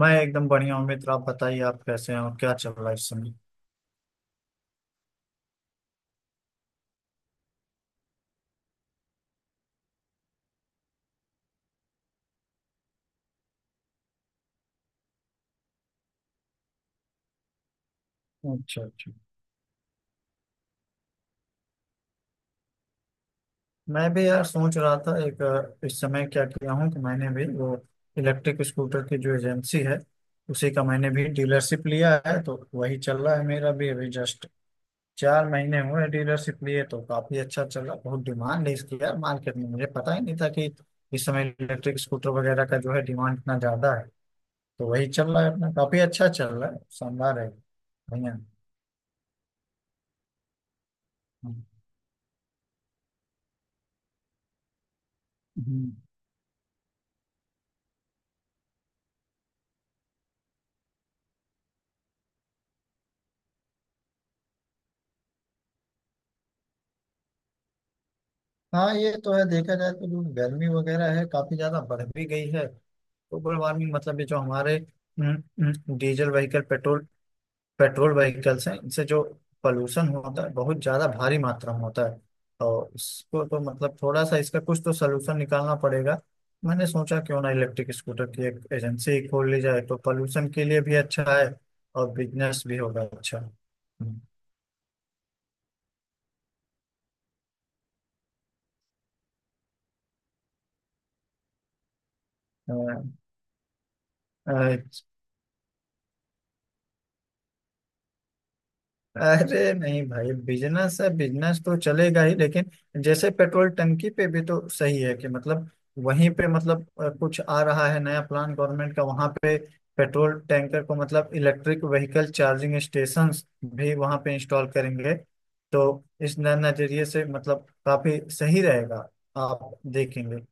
मैं एकदम बढ़िया हूँ मित्र। आप बताइए, आप कैसे हैं और क्या चल रहा है इस समय? अच्छा, अच्छा। मैं भी यार सोच रहा था एक इस समय क्या किया हूँ कि मैंने भी वो इलेक्ट्रिक स्कूटर की जो एजेंसी है, उसी का मैंने भी डीलरशिप लिया है, तो वही चल रहा है मेरा भी अभी जस्ट 4 महीने हुए डीलरशिप लिए। तो काफी अच्छा चल रहा, बहुत डिमांड है इसकी यार मार्केट में। मुझे पता ही नहीं था कि इस समय इलेक्ट्रिक स्कूटर वगैरह का जो है डिमांड इतना ज्यादा है। तो वही चल रहा है अपना, काफी अच्छा चल रहा है, शानदार है, बढ़िया। हम्म। हाँ ये तो है। देखा जाए तो जो गर्मी वगैरह है काफी ज्यादा बढ़ भी गई है। ग्लोबल वार्मिंग मतलब ये जो हमारे diesel vehicle, petrol petrol vehicles हैं, इनसे जो पोल्यूशन होता है बहुत ज्यादा भारी मात्रा में होता है। और इसको तो मतलब थोड़ा सा इसका कुछ तो सलूशन निकालना पड़ेगा। मैंने सोचा क्यों ना इलेक्ट्रिक स्कूटर की एक एजेंसी खोल ली जाए, तो पोल्यूशन के लिए भी अच्छा है और बिजनेस भी होगा अच्छा। हम्म, अ, अरे नहीं भाई, बिजनेस है, बिजनेस तो चलेगा ही। लेकिन जैसे पेट्रोल टंकी पे भी तो सही है कि मतलब वहीं पे मतलब कुछ आ रहा है नया प्लान गवर्नमेंट का वहां पे। पेट्रोल टैंकर को मतलब इलेक्ट्रिक व्हीकल चार्जिंग स्टेशंस भी वहां पे इंस्टॉल करेंगे। तो इस नजरिए से मतलब काफी सही रहेगा, आप देखेंगे।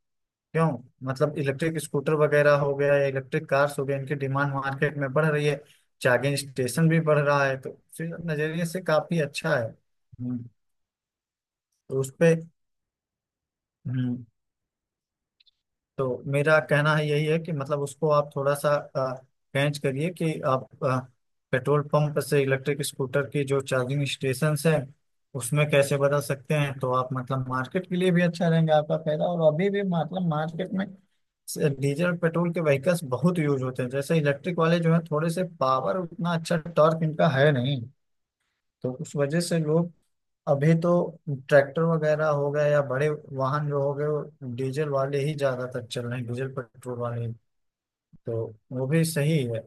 क्यों? मतलब इलेक्ट्रिक स्कूटर वगैरह हो गया या इलेक्ट्रिक कार्स हो गए, इनकी डिमांड मार्केट में बढ़ रही है, चार्जिंग स्टेशन भी बढ़ रहा है, तो उसी नजरिए से काफी अच्छा है। तो उस पे तो मेरा कहना है यही है कि मतलब उसको आप थोड़ा सा पेंच करिए कि आप पेट्रोल पंप से इलेक्ट्रिक स्कूटर की जो चार्जिंग स्टेशन है उसमें कैसे बदल सकते हैं। तो आप मतलब मार्केट के लिए भी अच्छा रहेंगे, आपका फायदा। और अभी भी मतलब मार्केट में से डीजल पेट्रोल के व्हीकल्स बहुत यूज होते हैं। जैसे इलेक्ट्रिक वाले जो हैं थोड़े से पावर, उतना अच्छा टॉर्क इनका है नहीं, तो उस वजह से लोग अभी तो ट्रैक्टर वगैरह हो गए या बड़े वाहन जो हो गए वो डीजल वाले ही ज्यादातर चल रहे हैं, डीजल पेट्रोल वाले, तो वो भी सही है।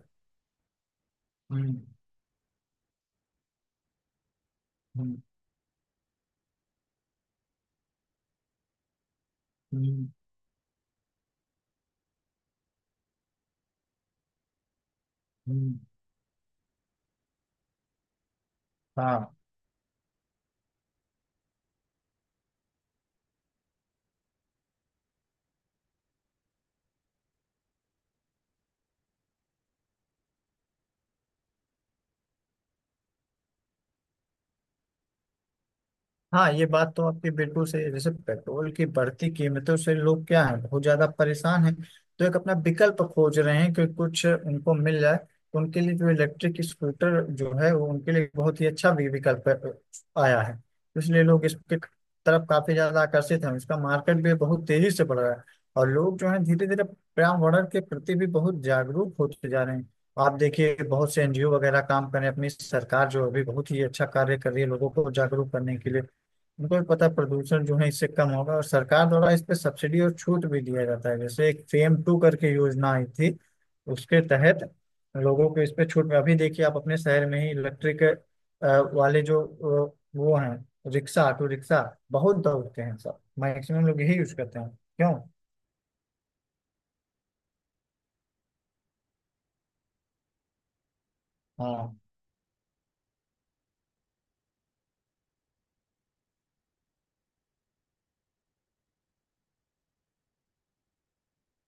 हम्म, हम्म, हम्म, हम्म। हाँ, हाँ, ये बात तो आपकी बिल्कुल सही है। जैसे पेट्रोल की बढ़ती कीमतों से लोग क्या है बहुत ज्यादा परेशान हैं, तो एक अपना विकल्प खोज रहे हैं कि कुछ उनको मिल जाए तो उनके लिए। जो इलेक्ट्रिक स्कूटर जो है वो उनके लिए बहुत ही अच्छा विकल्प आया है। इसलिए लोग इसके तरफ काफी ज्यादा आकर्षित हैं, इसका मार्केट भी बहुत तेजी से बढ़ रहा है। और लोग जो है धीरे धीरे पर्यावरण के प्रति भी बहुत जागरूक होते जा रहे हैं। आप देखिए, बहुत से एनजीओ वगैरह काम कर रहे हैं। अपनी सरकार जो अभी बहुत ही अच्छा कार्य कर रही है लोगों को जागरूक करने के लिए, बिल्कुल पता प्रदूषण जो है इससे कम होगा। और सरकार द्वारा इस पे सब्सिडी और छूट भी दिया जाता है, जैसे एक फेम टू करके योजना आई थी, उसके तहत लोगों को इस पे छूट। में अभी देखिए आप अपने शहर में ही इलेक्ट्रिक वाले जो वो हैं रिक्शा, ऑटो रिक्शा बहुत दौड़ते हैं, सब मैक्सिमम लोग यही यूज करते हैं। क्यों? हाँ,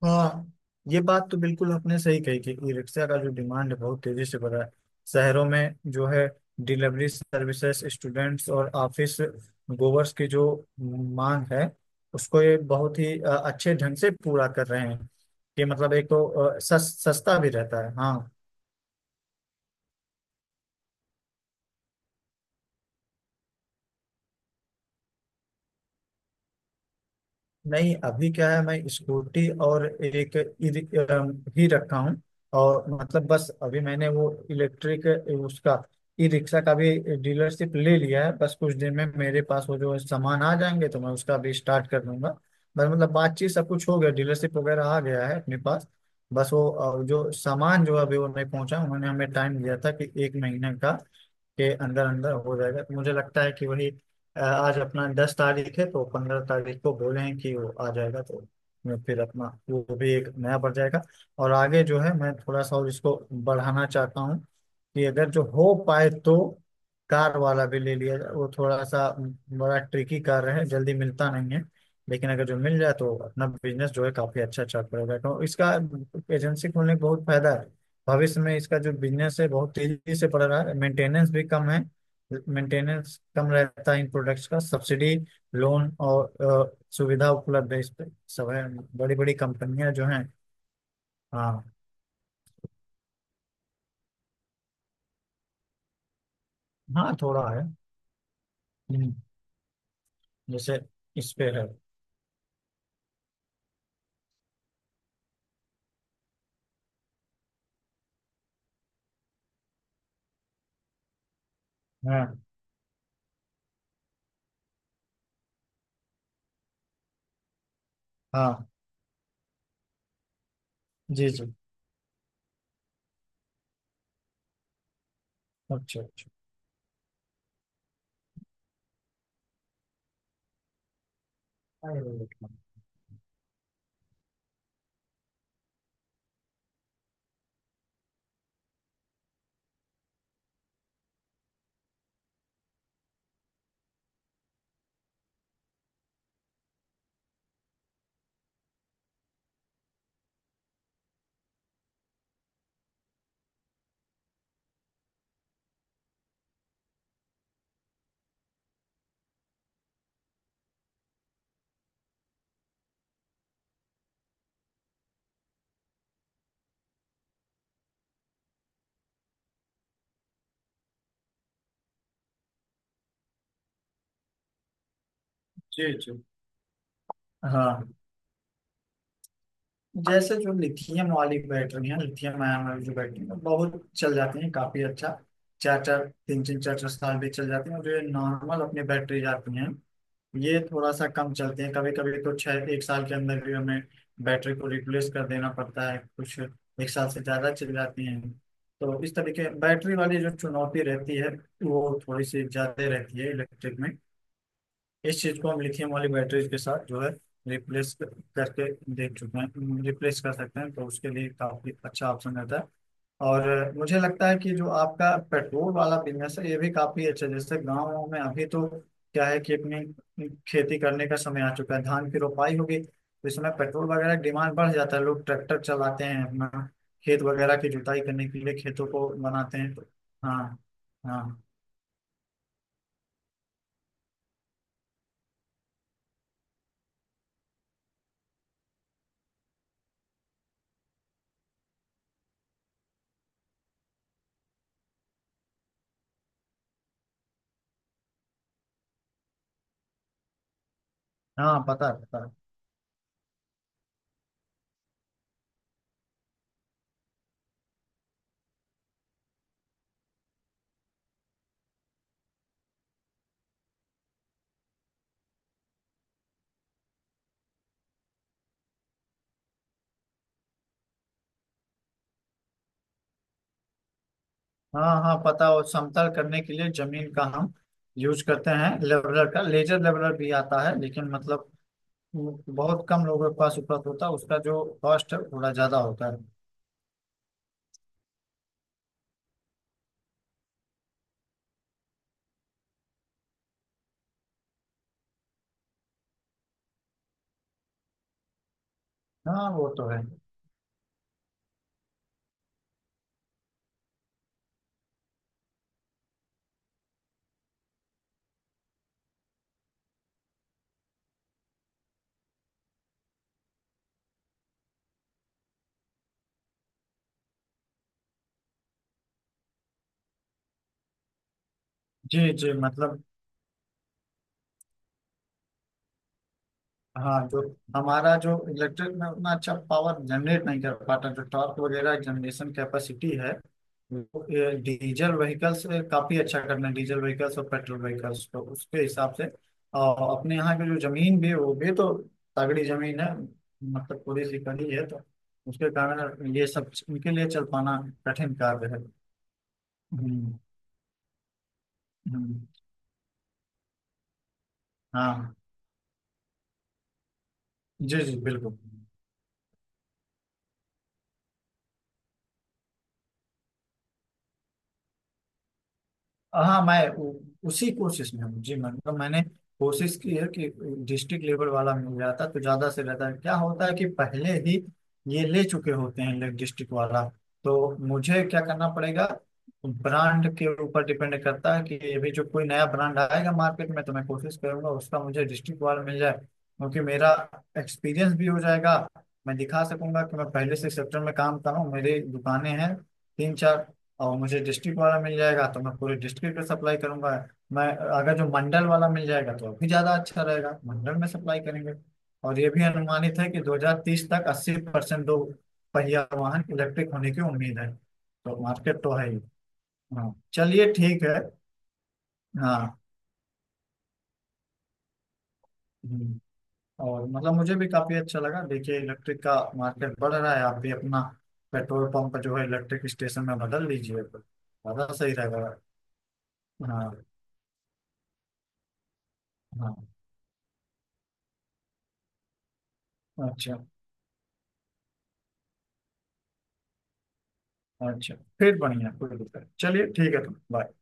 हाँ, ये बात तो बिल्कुल आपने सही कही कि ई रिक्शा का जो डिमांड है बहुत तेजी से बढ़ रहा है। शहरों में जो है डिलीवरी सर्विसेज, स्टूडेंट्स और ऑफिस गोवर्स की जो मांग है उसको ये बहुत ही अच्छे ढंग से पूरा कर रहे हैं। कि मतलब एक तो सस्ता भी रहता है। हाँ। नहीं अभी क्या है, मैं स्कूटी और एक ई- रिक- अम, ही रखा हूँ। और मतलब बस अभी मैंने वो इलेक्ट्रिक उसका ई रिक्शा का भी डीलरशिप ले लिया है, बस कुछ दिन में मेरे पास वो जो है सामान आ जाएंगे तो मैं उसका भी स्टार्ट कर दूंगा। बस मतलब बातचीत सब कुछ हो गया, डीलरशिप वगैरह आ गया है अपने पास। बस वो जो सामान जो अभी वो नहीं पहुंचा, उन्होंने हमें टाइम दिया था कि एक महीने का के अंदर अंदर हो जाएगा। तो मुझे लगता है कि वही आज अपना 10 तारीख है, तो 15 तारीख को बोलें कि वो आ जाएगा। तो मैं फिर अपना वो भी एक नया बढ़ जाएगा। और आगे जो है मैं थोड़ा सा और इसको बढ़ाना चाहता हूँ कि अगर जो हो पाए तो कार वाला भी ले लिया जाए। वो थोड़ा सा बड़ा ट्रिकी कार है, जल्दी मिलता नहीं है, लेकिन अगर जो मिल जाए तो अपना बिजनेस जो है काफी अच्छा चल पड़ेगा। तो इसका एजेंसी खोलने का बहुत फायदा है भविष्य में। इसका जो बिजनेस है बहुत तेजी से बढ़ रहा है, मेंटेनेंस भी कम है, मेंटेनेंस कम रहता है इन प्रोडक्ट्स का। सब्सिडी, लोन और सुविधा उपलब्ध है इस पे, सब है, बड़ी बड़ी कंपनियां जो हैं। हाँ, हाँ थोड़ा है। हम्म, जैसे इस पे है। हाँ, हाँ, जी जी, अच्छा अच्छा, जी जी, हाँ। जैसे जो लिथियम वाली बैटरी है, लिथियम आयन वाली जो बैटरी है बहुत चल जाती है, काफी अच्छा। चार चार तीन तीन चार चार साल भी चल जाती है। और जो ये नॉर्मल अपनी बैटरी जाती हैं ये थोड़ा सा कम चलती है, कभी कभी तो छः एक साल के अंदर भी हमें बैटरी को रिप्लेस कर देना पड़ता है, कुछ एक साल से ज्यादा चल जाती हैं। तो इस तरीके बैटरी वाली जो चुनौती रहती है वो थोड़ी सी ज्यादा रहती है इलेक्ट्रिक में। इस चीज को हम लिथियम वाली बैटरीज के साथ जो है रिप्लेस करके देख चुके हैं, रिप्लेस कर सकते हैं, तो उसके लिए काफी अच्छा ऑप्शन रहता है। और मुझे लगता है कि जो आपका पेट्रोल वाला बिजनेस है ये भी काफी अच्छा है। जैसे गाँव में अभी तो क्या है कि अपनी खेती करने का समय आ चुका है, धान की रोपाई होगी तो इसमें पेट्रोल वगैरह की डिमांड बढ़ जाता है, लोग ट्रैक्टर चलाते हैं अपना खेत वगैरह की जुताई करने के लिए, खेतों को बनाते हैं तो। हाँ, हाँ, हाँ, पता है, पता है। हाँ, हाँ पता हो, समतल करने के लिए जमीन का हम यूज करते हैं लेवलर का। लेजर लेवलर भी आता है लेकिन मतलब वो बहुत कम लोगों के पास उपलब्ध होता है, उसका जो कॉस्ट है थोड़ा ज्यादा होता है। हाँ वो तो है। जी जी, मतलब हाँ, जो हमारा जो इलेक्ट्रिक में उतना अच्छा पावर जनरेट नहीं कर पाता, जो टॉर्क वगैरह जनरेशन कैपेसिटी है वो, ये डीजल व्हीकल्स काफी अच्छा करना है। डीजल व्हीकल्स और पेट्रोल व्हीकल्स तो उसके हिसाब से। और अपने यहाँ की जो जमीन भी है, वो भी तो तगड़ी जमीन है, मतलब थोड़ी सी कड़ी है, तो उसके कारण ये सब इनके लिए चल पाना कठिन कार्य है। हम्म, हम्म। हाँ, जी जी, बिल्कुल। हाँ मैं उसी कोशिश में हूँ जी। मतलब मैंने कोशिश की है कि डिस्ट्रिक्ट लेवल वाला मिल जाता तो ज्यादा से ज्यादा। क्या होता है कि पहले ही ये ले चुके होते हैं डिस्ट्रिक्ट वाला, तो मुझे क्या करना पड़ेगा? ब्रांड के ऊपर डिपेंड करता है कि अभी जो कोई नया ब्रांड आएगा मार्केट में तो मैं कोशिश करूंगा उसका मुझे डिस्ट्रिक्ट वाला मिल जाए, क्योंकि मेरा एक्सपीरियंस भी हो जाएगा, मैं दिखा सकूंगा कि मैं पहले से सेक्टर में काम कर रहा हूँ, मेरी दुकानें हैं तीन चार, और मुझे डिस्ट्रिक्ट वाला मिल जाएगा तो मैं पूरे डिस्ट्रिक्ट में सप्लाई करूंगा। मैं अगर जो मंडल वाला मिल जाएगा तो और भी ज्यादा अच्छा रहेगा, मंडल में सप्लाई करेंगे। और ये भी अनुमानित है कि 2030 तक 80% दो पहिया वाहन इलेक्ट्रिक होने की उम्मीद है, तो मार्केट तो है ही। हाँ, चलिए ठीक है। हाँ। हम्म। और मतलब मुझे भी काफी अच्छा लगा, देखिए इलेक्ट्रिक का मार्केट बढ़ रहा है, आप भी अपना पेट्रोल पंप जो है इलेक्ट्रिक स्टेशन में बदल लीजिए तो ज्यादा सही रहेगा। हाँ, हाँ, अच्छा, अच्छा। फिर बढ़िया, कोई दिक्कत। चलिए ठीक है, तो बाय।